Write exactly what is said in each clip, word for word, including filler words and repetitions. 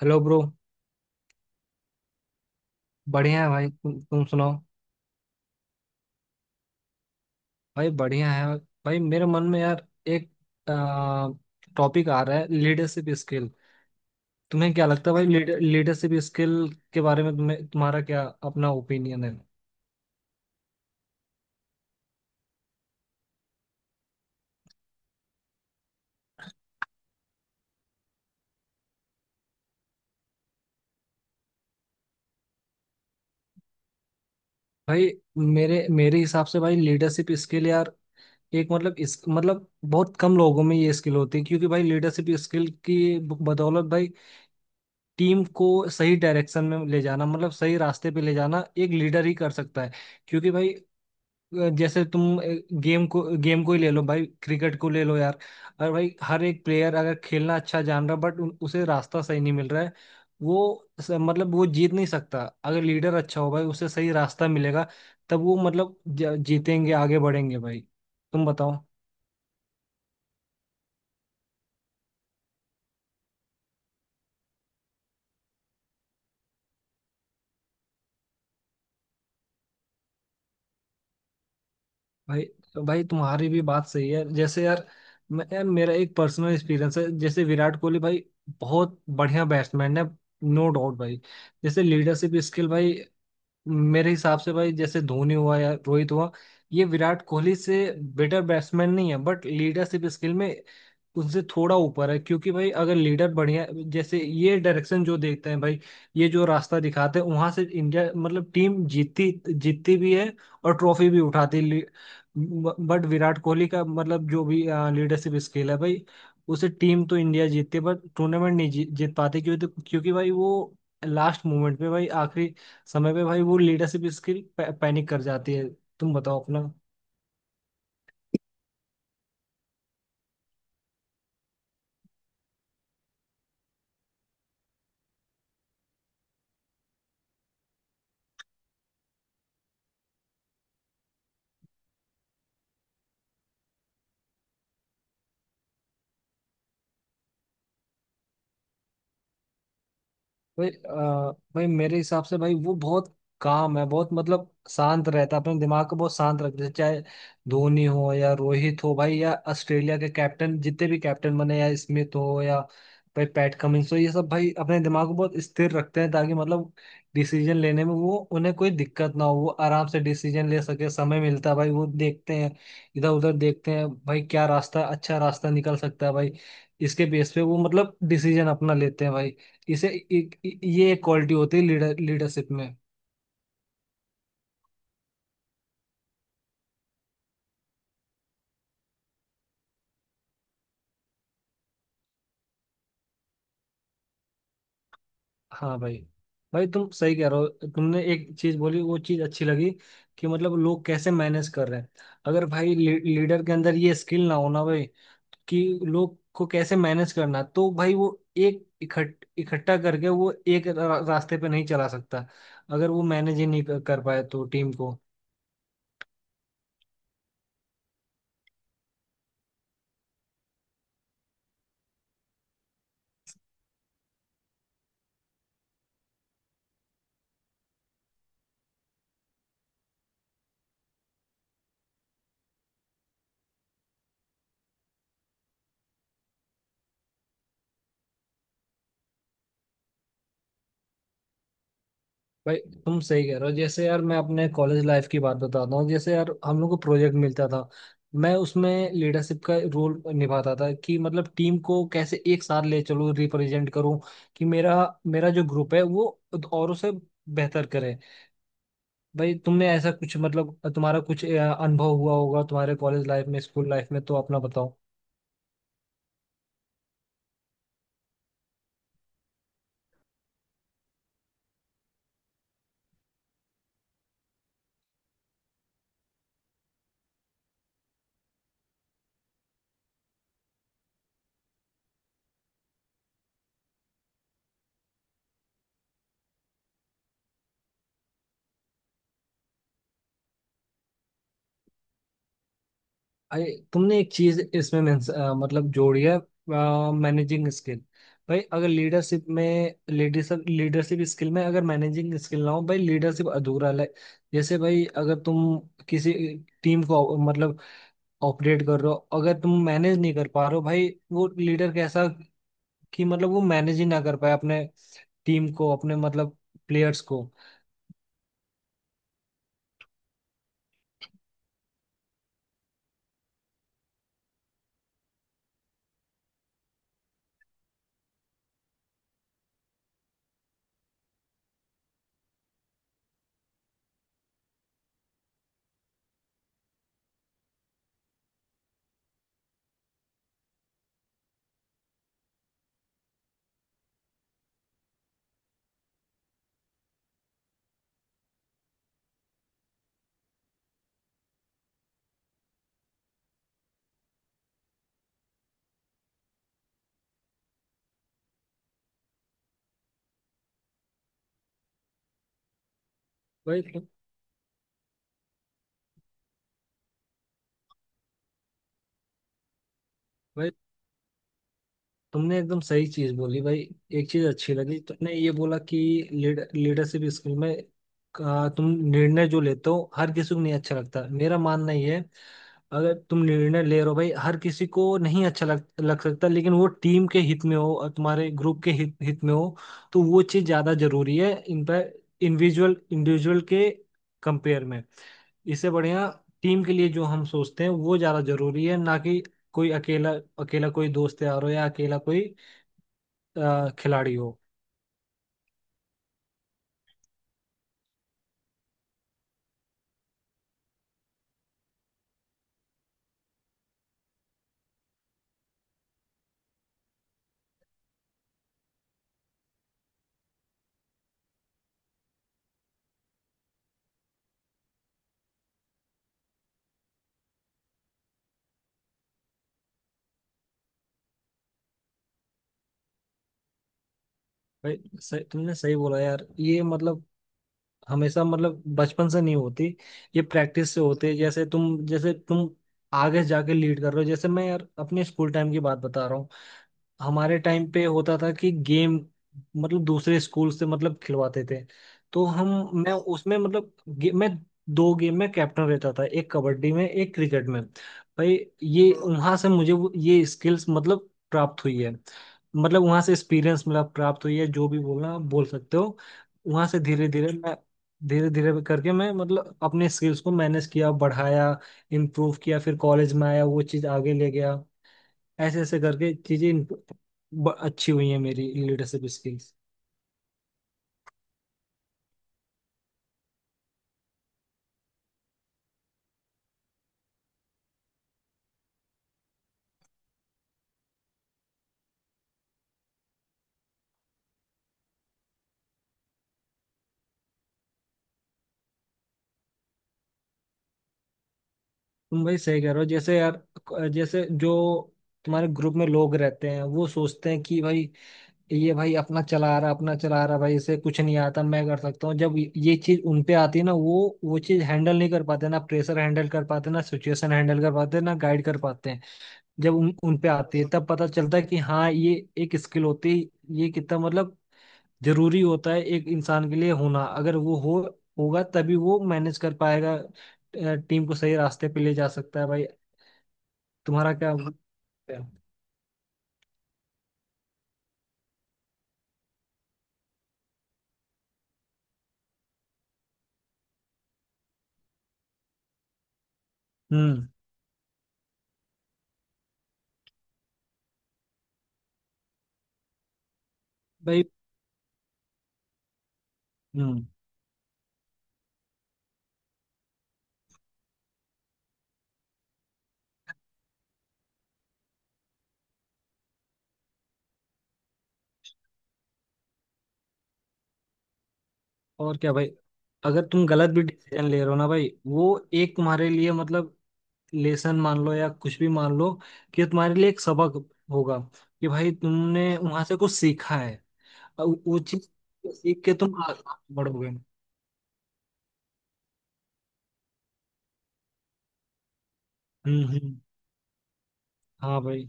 Hello bro. बढ़िया है भाई। तुम तुम सुनाओ। भाई बढ़िया है। भाई मेरे मन में यार एक टॉपिक आ रहा है, लीडरशिप स्किल। तुम्हें क्या लगता है भाई? लीडरशिप स्किल के बारे में तुम्हें, तुम्हारा क्या अपना ओपिनियन है? भाई मेरे मेरे हिसाब से भाई लीडरशिप स्किल यार, एक मतलब इस मतलब बहुत कम लोगों में ये स्किल होती है, क्योंकि भाई लीडरशिप स्किल की बदौलत भाई टीम को सही डायरेक्शन में ले जाना मतलब सही रास्ते पे ले जाना एक लीडर ही कर सकता है। क्योंकि भाई अ, जैसे तुम गेम को गेम को ही ले लो भाई, क्रिकेट को ले लो यार। और भाई हर एक प्लेयर अगर खेलना अच्छा जान रहा बट उसे रास्ता सही नहीं मिल रहा है, वो स- मतलब वो जीत नहीं सकता। अगर लीडर अच्छा हो भाई उसे सही रास्ता मिलेगा, तब वो मतलब ज- जीतेंगे, आगे बढ़ेंगे भाई। तुम बताओ। भाई तो भाई तुम्हारी भी बात सही है। जैसे यार मैं यार, मेरा एक पर्सनल एक्सपीरियंस है, जैसे विराट कोहली भाई बहुत बढ़िया बैट्समैन है, नो डाउट भाई। जैसे लीडरशिप स्किल भाई मेरे हिसाब से भाई, जैसे धोनी हुआ या रोहित हुआ, ये विराट कोहली से बेटर बैट्समैन नहीं है बट लीडरशिप स्किल में उनसे थोड़ा ऊपर है। क्योंकि भाई अगर लीडर बढ़िया, जैसे ये डायरेक्शन जो देखते हैं भाई, ये जो रास्ता दिखाते हैं, वहां से इंडिया मतलब टीम जीतती जीतती भी है और ट्रॉफी भी उठाती है। बट विराट कोहली का मतलब जो भी लीडरशिप स्किल है भाई, उसे टीम तो इंडिया जीतती है बट टूर्नामेंट नहीं जी, जीत पाती, क्योंकि तो, क्योंकि भाई वो लास्ट मोमेंट पे भाई, आखिरी समय पे भाई वो लीडरशिप स्किल पैनिक कर जाती है। तुम बताओ अपना। भाई अ, भाई मेरे हिसाब से भाई वो बहुत काम है, बहुत मतलब शांत रहता है, अपने दिमाग को बहुत शांत रखते हैं, चाहे धोनी हो या रोहित हो भाई, या ऑस्ट्रेलिया के कैप्टन, जितने भी कैप्टन बने, या स्मिथ हो या भाई पैट कमिंस हो, ये सब भाई अपने दिमाग को बहुत स्थिर रखते हैं ताकि मतलब डिसीजन लेने में वो, उन्हें कोई दिक्कत ना हो, वो आराम से डिसीजन ले सके। समय मिलता है भाई, वो देखते हैं, इधर उधर देखते हैं भाई, क्या रास्ता, अच्छा रास्ता निकल सकता है भाई, इसके बेस पे वो मतलब डिसीजन अपना लेते हैं भाई। इसे एक- ये एक क्वालिटी होती है लीडर लीडरशिप में। हाँ भाई। भाई तुम सही कह रहे हो। तुमने एक चीज बोली, वो चीज अच्छी लगी, कि मतलब लोग कैसे मैनेज कर रहे हैं। अगर भाई ली, लीडर के अंदर ये स्किल ना हो ना भाई, कि लोग को कैसे मैनेज करना है, तो भाई वो एक इकट्ठ इकट्ठा करके वो एक रा, रास्ते पे नहीं चला सकता। अगर वो मैनेज ही नहीं कर, कर पाए तो टीम को। भाई तुम सही कह रहे हो। जैसे यार मैं अपने कॉलेज लाइफ की बात बताता हूँ। जैसे यार हम लोग को प्रोजेक्ट मिलता था, मैं उसमें लीडरशिप का रोल निभाता था, कि मतलब टीम को कैसे एक साथ ले चलूँ, रिप्रेजेंट करूँ, कि मेरा मेरा जो ग्रुप है वो औरों से बेहतर करे। भाई तुमने ऐसा कुछ मतलब, तुम्हारा कुछ अ, अनुभव हुआ होगा तुम्हारे कॉलेज लाइफ में, स्कूल लाइफ में, तो अपना बताओ। अरे तुमने एक चीज इसमें मेंस- अ, मतलब जोड़ी है, मैनेजिंग स्किल। भाई अगर लीडरशिप में लीडरशिप लीडरशिप स्किल में अगर मैनेजिंग स्किल ना हो भाई, लीडरशिप अधूरा है। जैसे भाई अगर तुम किसी टीम को ओ- मतलब ऑपरेट कर रहे हो, अगर तुम मैनेज नहीं कर पा रहे हो भाई, वो लीडर कैसा? कि मतलब वो मैनेज ही ना कर पाए अपने टीम को, अपने मतलब प्लेयर्स को। भाई। भाई तुमने एकदम सही चीज बोली भाई। एक चीज अच्छी लगी, तुमने ये बोला कि लीड, लीडरशिप स्किल में का तुम निर्णय जो लेते हो, हर किसी को नहीं अच्छा लगता। मेरा मानना ये है, अगर तुम निर्णय ले रहे हो भाई, हर किसी को नहीं अच्छा लग लग सकता, लेकिन वो टीम के हित में हो और तुम्हारे ग्रुप के हित हित में हो, तो वो चीज ज्यादा जरूरी है, इन पर, इंडिविजुअल इंडिविजुअल के कंपेयर में। इससे बढ़िया टीम के लिए जो हम सोचते हैं वो ज्यादा जरूरी है, ना कि कोई अकेला, अकेला कोई दोस्त यार हो, या अकेला कोई अ, खिलाड़ी हो। भाई सही, तुमने सही बोला यार। ये मतलब हमेशा मतलब बचपन से नहीं होती, ये प्रैक्टिस से होती है। जैसे तुम जैसे तुम आगे जाके लीड कर रहे हो। जैसे मैं यार अपने स्कूल टाइम की बात बता रहा हूँ। हमारे टाइम पे होता था कि गेम मतलब दूसरे स्कूल से मतलब खिलवाते थे, तो हम, मैं उसमें मतलब गे, मैं दो गेम में कैप्टन रहता था, एक कबड्डी में, एक क्रिकेट में भाई। ये वहां से मुझे वो- ये स्किल्स मतलब प्राप्त हुई है, मतलब वहां से एक्सपीरियंस मिला, प्राप्त हुई है, जो भी बोलना आप बोल सकते हो। वहां से धीरे धीरे मैं, धीरे धीरे करके मैं मतलब अपने स्किल्स को मैनेज किया, बढ़ाया, इम्प्रूव किया। फिर कॉलेज में आया, वो चीज़ आगे ले गया। ऐसे ऐसे करके चीजें इम्प- ब- अच्छी हुई है, मेरी लीडरशिप स्किल्स। तुम भाई सही कह रहे हो। जैसे यार, जैसे जो तुम्हारे ग्रुप में लोग रहते हैं, वो सोचते हैं कि भाई ये भाई अपना चला रहा अपना चला रहा भाई, इसे कुछ नहीं आता, मैं कर सकता हूँ। जब ये चीज उन पे आती है ना, वो वो चीज हैंडल नहीं कर पाते, ना प्रेशर हैंडल कर पाते, ना सिचुएशन हैंडल कर पाते, ना गाइड कर पाते हैं। जब उन उन पे आती है, तब पता चलता है कि हाँ ये एक स्किल होती है, ये कितना मतलब जरूरी होता है एक इंसान के लिए होना। अगर वो हो, होगा तभी वो मैनेज कर पाएगा, अ, टीम को सही रास्ते पे ले जा सकता है भाई। तुम्हारा क्या? हम्म। भाई हम्म। और क्या भाई। अगर तुम गलत भी डिसीजन ले रहे हो ना भाई, वो एक तुम्हारे लिए मतलब लेसन मान लो या कुछ भी मान लो, कि ये तुम्हारे लिए एक सबक होगा, कि भाई तुमने वहां से कुछ सीखा है। और वो चीज सीख के तुम आगे बढ़ोगे। हम्म। हम्म। हाँ भाई।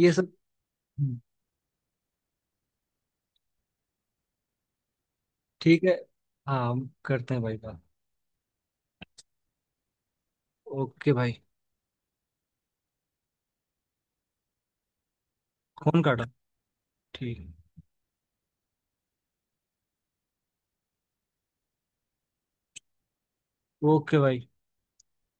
ये सब। ठीक है। हाँ हम करते हैं भाई बात। ओके भाई। फोन काटा। ठीक। ओके भाई।